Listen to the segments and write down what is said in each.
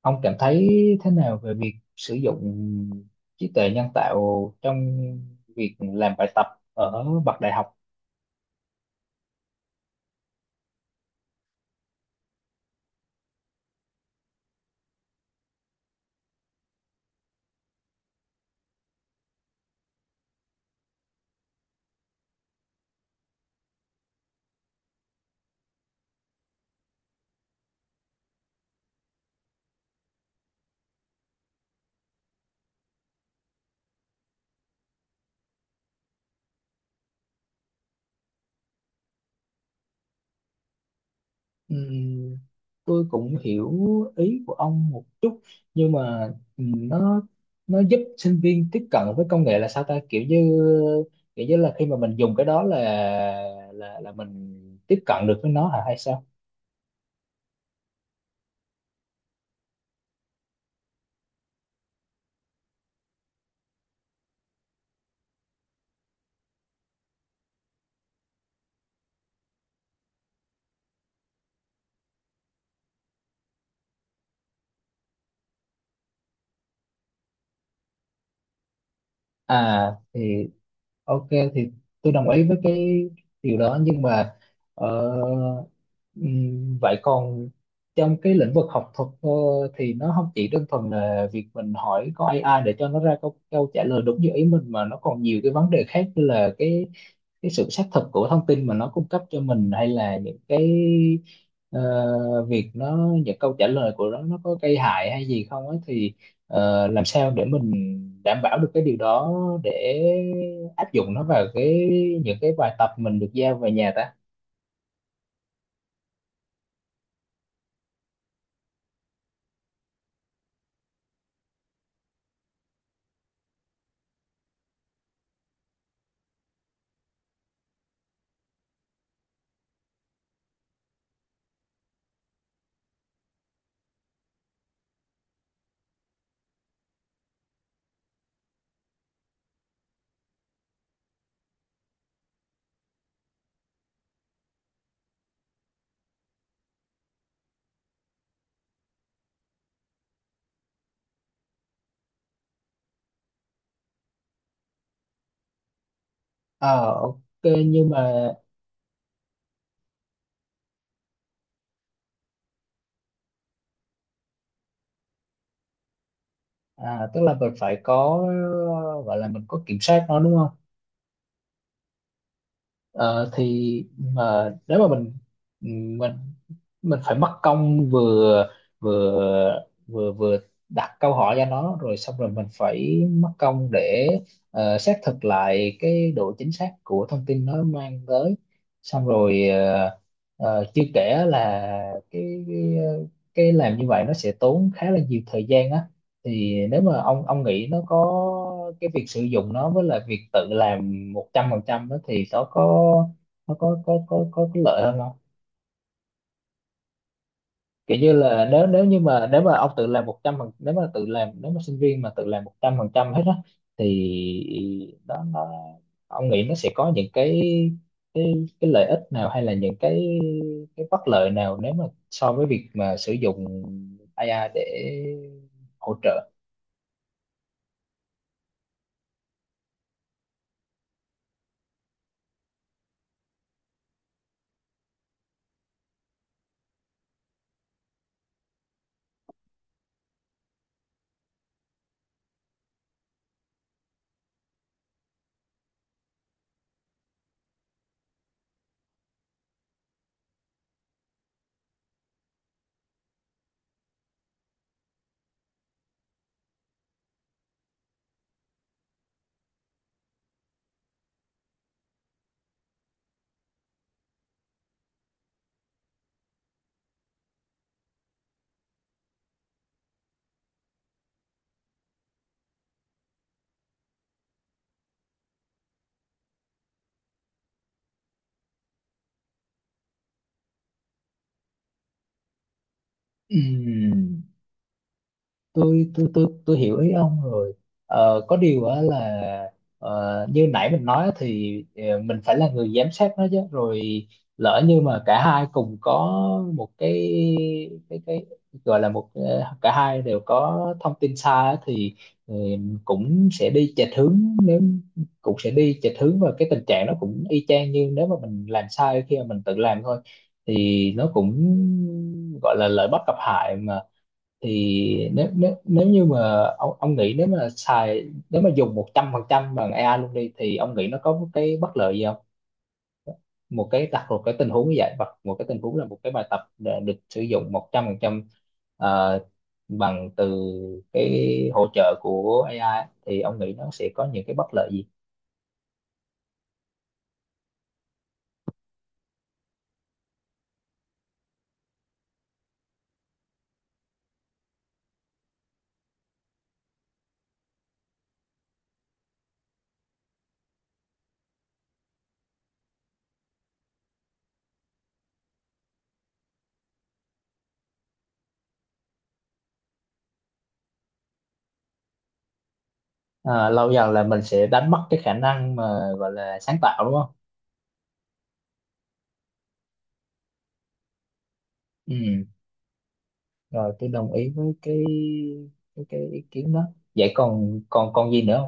Ông cảm thấy thế nào về việc sử dụng trí tuệ nhân tạo trong việc làm bài tập ở bậc đại học? Ừm, tôi cũng hiểu ý của ông một chút, nhưng mà nó giúp sinh viên tiếp cận với công nghệ là sao ta, kiểu như là khi mà mình dùng cái đó là mình tiếp cận được với nó hả hay sao? À thì ok, thì tôi đồng ý với cái điều đó, nhưng mà ờ, vậy còn trong cái lĩnh vực học thuật, thì nó không chỉ đơn thuần là việc mình hỏi có AI để cho nó ra câu trả lời đúng như ý mình, mà nó còn nhiều cái vấn đề khác, như là cái sự xác thực của thông tin mà nó cung cấp cho mình, hay là những cái, ờ, việc nó, những câu trả lời của nó có gây hại hay gì không ấy thì, làm sao để mình đảm bảo được cái điều đó để áp dụng nó vào cái, những cái bài tập mình được giao về nhà ta? Ờ, ok, nhưng mà à, tức là mình phải có, gọi là mình có kiểm soát nó đúng không? Ờ, thì mà nếu mà mình, mình mình phải mất công vừa, vừa đặt câu hỏi cho nó, rồi xong rồi mình phải mất công để xác thực lại cái độ chính xác của thông tin nó mang tới, xong rồi chưa kể là cái, cái cái làm như vậy nó sẽ tốn khá là nhiều thời gian á. Thì nếu mà ông nghĩ, nó có cái việc sử dụng nó với lại việc tự làm 100% đó, thì nó có cái lợi hơn không? Kiểu như là nếu nếu như mà, nếu mà sinh viên mà tự làm 100% hết á, thì đó nó ông nghĩ nó sẽ có những cái cái lợi ích nào, hay là những cái bất lợi nào, nếu mà so với việc mà sử dụng AI để hỗ trợ? Ừm. Tôi hiểu ý ông rồi. Có điều á là, như nãy mình nói á thì, mình phải là người giám sát nó chứ. Rồi lỡ như mà cả hai cùng có một cái, cái cái gọi là một, cả hai đều có thông tin sai á thì, ờ, cũng sẽ đi chệch hướng nếu cũng sẽ đi chệch hướng, và cái tình trạng nó cũng y chang như nếu mà mình làm sai khi mà mình tự làm thôi, thì nó cũng gọi là lợi bất cập hại mà. Thì nếu nếu nếu như mà ông nghĩ, nếu mà dùng 100% bằng AI luôn đi, thì ông nghĩ nó có một cái bất lợi gì không? Một cái Đặt một cái tình huống như vậy, và một cái tình huống là một cái bài tập đã được sử dụng 100% ờ, bằng từ cái hỗ trợ của AI, thì ông nghĩ nó sẽ có những cái bất lợi gì? À, lâu dần là mình sẽ đánh mất cái khả năng mà gọi là sáng tạo đúng không? Ừ, rồi tôi đồng ý với cái, cái ý kiến đó. Vậy còn còn còn gì nữa?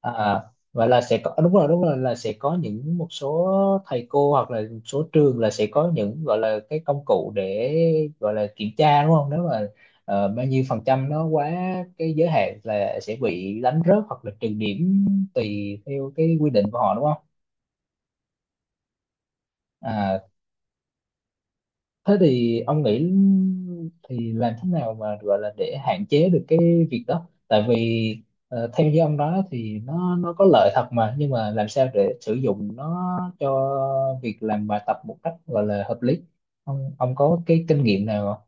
À, vậy là sẽ có à, đúng rồi, đúng rồi, là sẽ có những một số thầy cô hoặc là một số trường, là sẽ có những gọi là cái công cụ để gọi là kiểm tra đúng không? Nếu mà bao nhiêu phần trăm nó quá cái giới hạn, là sẽ bị đánh rớt hoặc là trừ điểm tùy theo cái quy định của họ đúng không? À, thế thì ông nghĩ, thì làm thế nào mà gọi là để hạn chế được cái việc đó? Tại vì theo như ông nói thì nó có lợi thật mà, nhưng mà làm sao để sử dụng nó cho việc làm bài tập một cách gọi là hợp lý? Ông có cái kinh nghiệm nào không?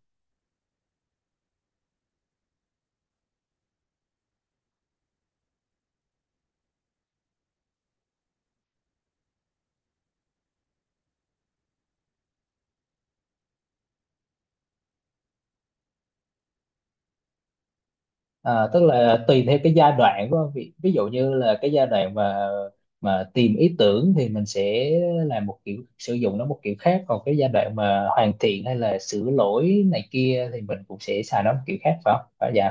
À, tức là tùy theo cái giai đoạn của ông. Ví dụ như là cái giai đoạn mà tìm ý tưởng thì mình sẽ làm một kiểu sử dụng nó một kiểu khác, còn cái giai đoạn mà hoàn thiện hay là sửa lỗi này kia thì mình cũng sẽ xài nó một kiểu khác phải không? Phải dạ.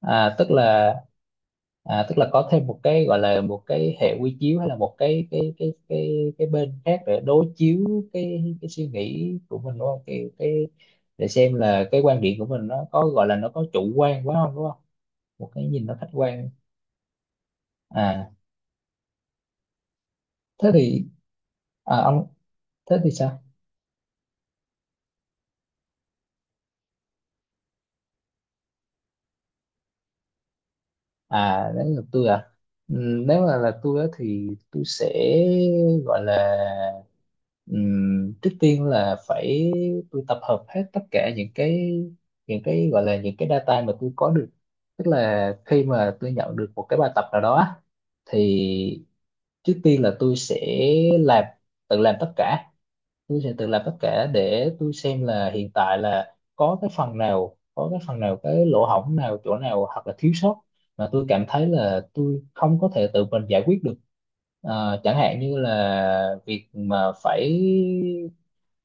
À, tức là, có thêm một cái, gọi là một cái hệ quy chiếu, hay là một cái bên khác để đối chiếu cái suy nghĩ của mình đúng không? Cái Để xem là cái quan điểm của mình nó có, gọi là nó có chủ quan quá không đúng không? Một cái nhìn nó khách quan. À, thế thì, à, ông thế thì sao? À, đến lượt tôi à? Nếu mà là tôi á thì tôi sẽ, gọi là, trước tiên là tôi tập hợp hết tất cả những cái, gọi là những cái data mà tôi có được. Tức là khi mà tôi nhận được một cái bài tập nào đó á, thì trước tiên là tôi sẽ làm tự làm tất cả. Tôi sẽ tự làm tất cả để tôi xem là hiện tại là có cái phần nào, cái lỗ hổng nào, chỗ nào hoặc là thiếu sót mà tôi cảm thấy là tôi không có thể tự mình giải quyết được. Ờ, chẳng hạn như là việc mà phải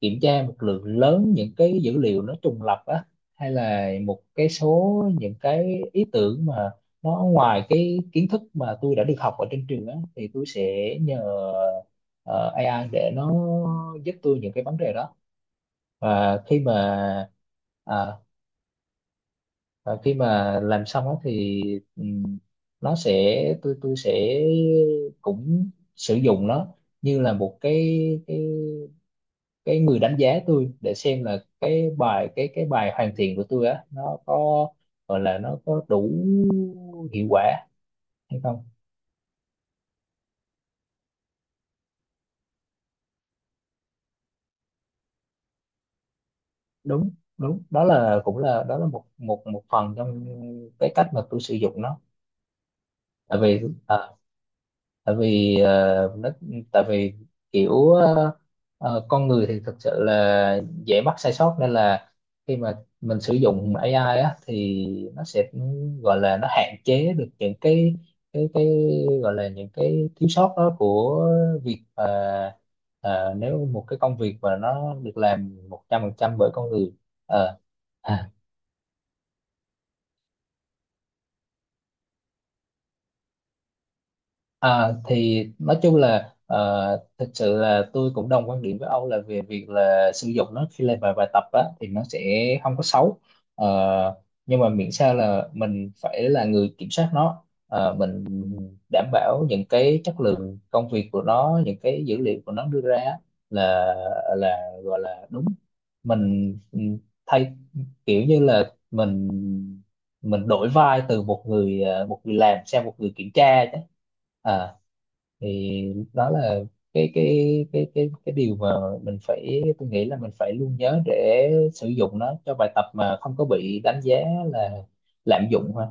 kiểm tra một lượng lớn những cái dữ liệu nó trùng lặp á, hay là một cái số những cái ý tưởng mà nó ngoài cái kiến thức mà tôi đã được học ở trên trường á, thì tôi sẽ nhờ ờ, AI để nó giúp tôi những cái vấn đề đó. Và khi mà, à, làm xong á thì, ừm, nó sẽ tôi sẽ cũng sử dụng nó như là một cái cái người đánh giá tôi, để xem là cái bài, cái bài hoàn thiện của tôi á nó có, gọi là nó có đủ hiệu quả hay không. Đúng đúng đó là một một một phần trong cái cách mà tôi sử dụng nó. tại vì ờ, tại vì ờ, nó Tại vì kiểu ờ, con người thì thực sự là dễ mắc sai sót, nên là khi mà mình sử dụng AI á thì nó sẽ, gọi là nó hạn chế được những cái gọi là những cái thiếu sót đó của việc mà, nếu một cái công việc mà nó được làm 100% bởi con người. Ờ. à, À, thì nói chung là thực sự là tôi cũng đồng quan điểm với ông, là về việc là sử dụng nó khi làm bài bài tập á, thì nó sẽ không có xấu. Ờ, nhưng mà miễn sao là mình phải là người kiểm soát nó. Ờ, mình đảm bảo những cái chất lượng công việc của nó, những cái dữ liệu của nó đưa ra á, là là gọi là đúng. Mình thay kiểu như là mình đổi vai, từ một người, một người làm sang một người kiểm tra chứ. Ờ, thì đó là cái điều mà mình phải tôi nghĩ là mình phải luôn nhớ, để sử dụng nó cho bài tập mà không có bị đánh giá là lạm dụng ha.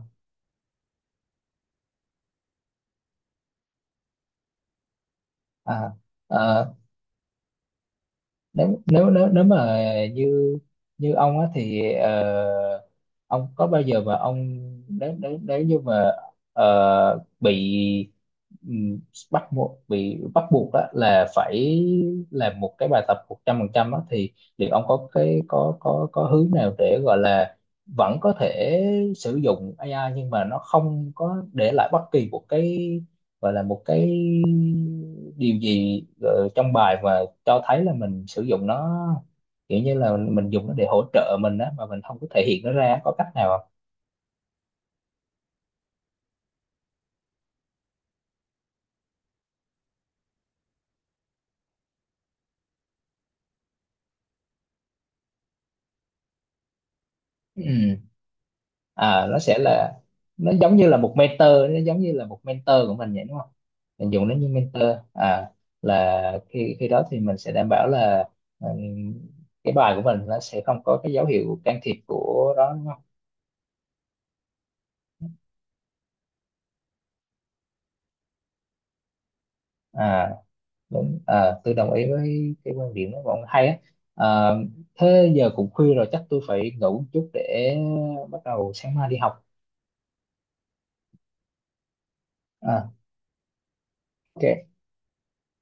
à, à, Nếu nếu nếu nếu mà như như ông á thì, ông có bao giờ mà ông nếu nếu nếu như mà bị, ừm, bắt buộc bị bắt buộc á là phải làm một cái bài tập 100% á, thì liệu ông có cái có hướng nào để gọi là vẫn có thể sử dụng AI, nhưng mà nó không có để lại bất kỳ một cái, gọi là một cái điều gì trong bài mà cho thấy là mình sử dụng nó, kiểu như là mình dùng nó để hỗ trợ mình á mà mình không có thể hiện nó ra, có cách nào không? Ừ. À, nó giống như là một mentor của mình vậy đúng không? Mình dùng nó như mentor. À, là khi khi đó thì mình sẽ đảm bảo là, ừ, cái bài của mình nó sẽ không có cái dấu hiệu can thiệp của đó đúng không? À, đúng. Ờ, tôi đồng ý với cái quan điểm đó của ông, hay á. Ờ, thế giờ cũng khuya rồi, chắc tôi phải ngủ một chút để bắt đầu sáng mai đi học. Ờ, ok.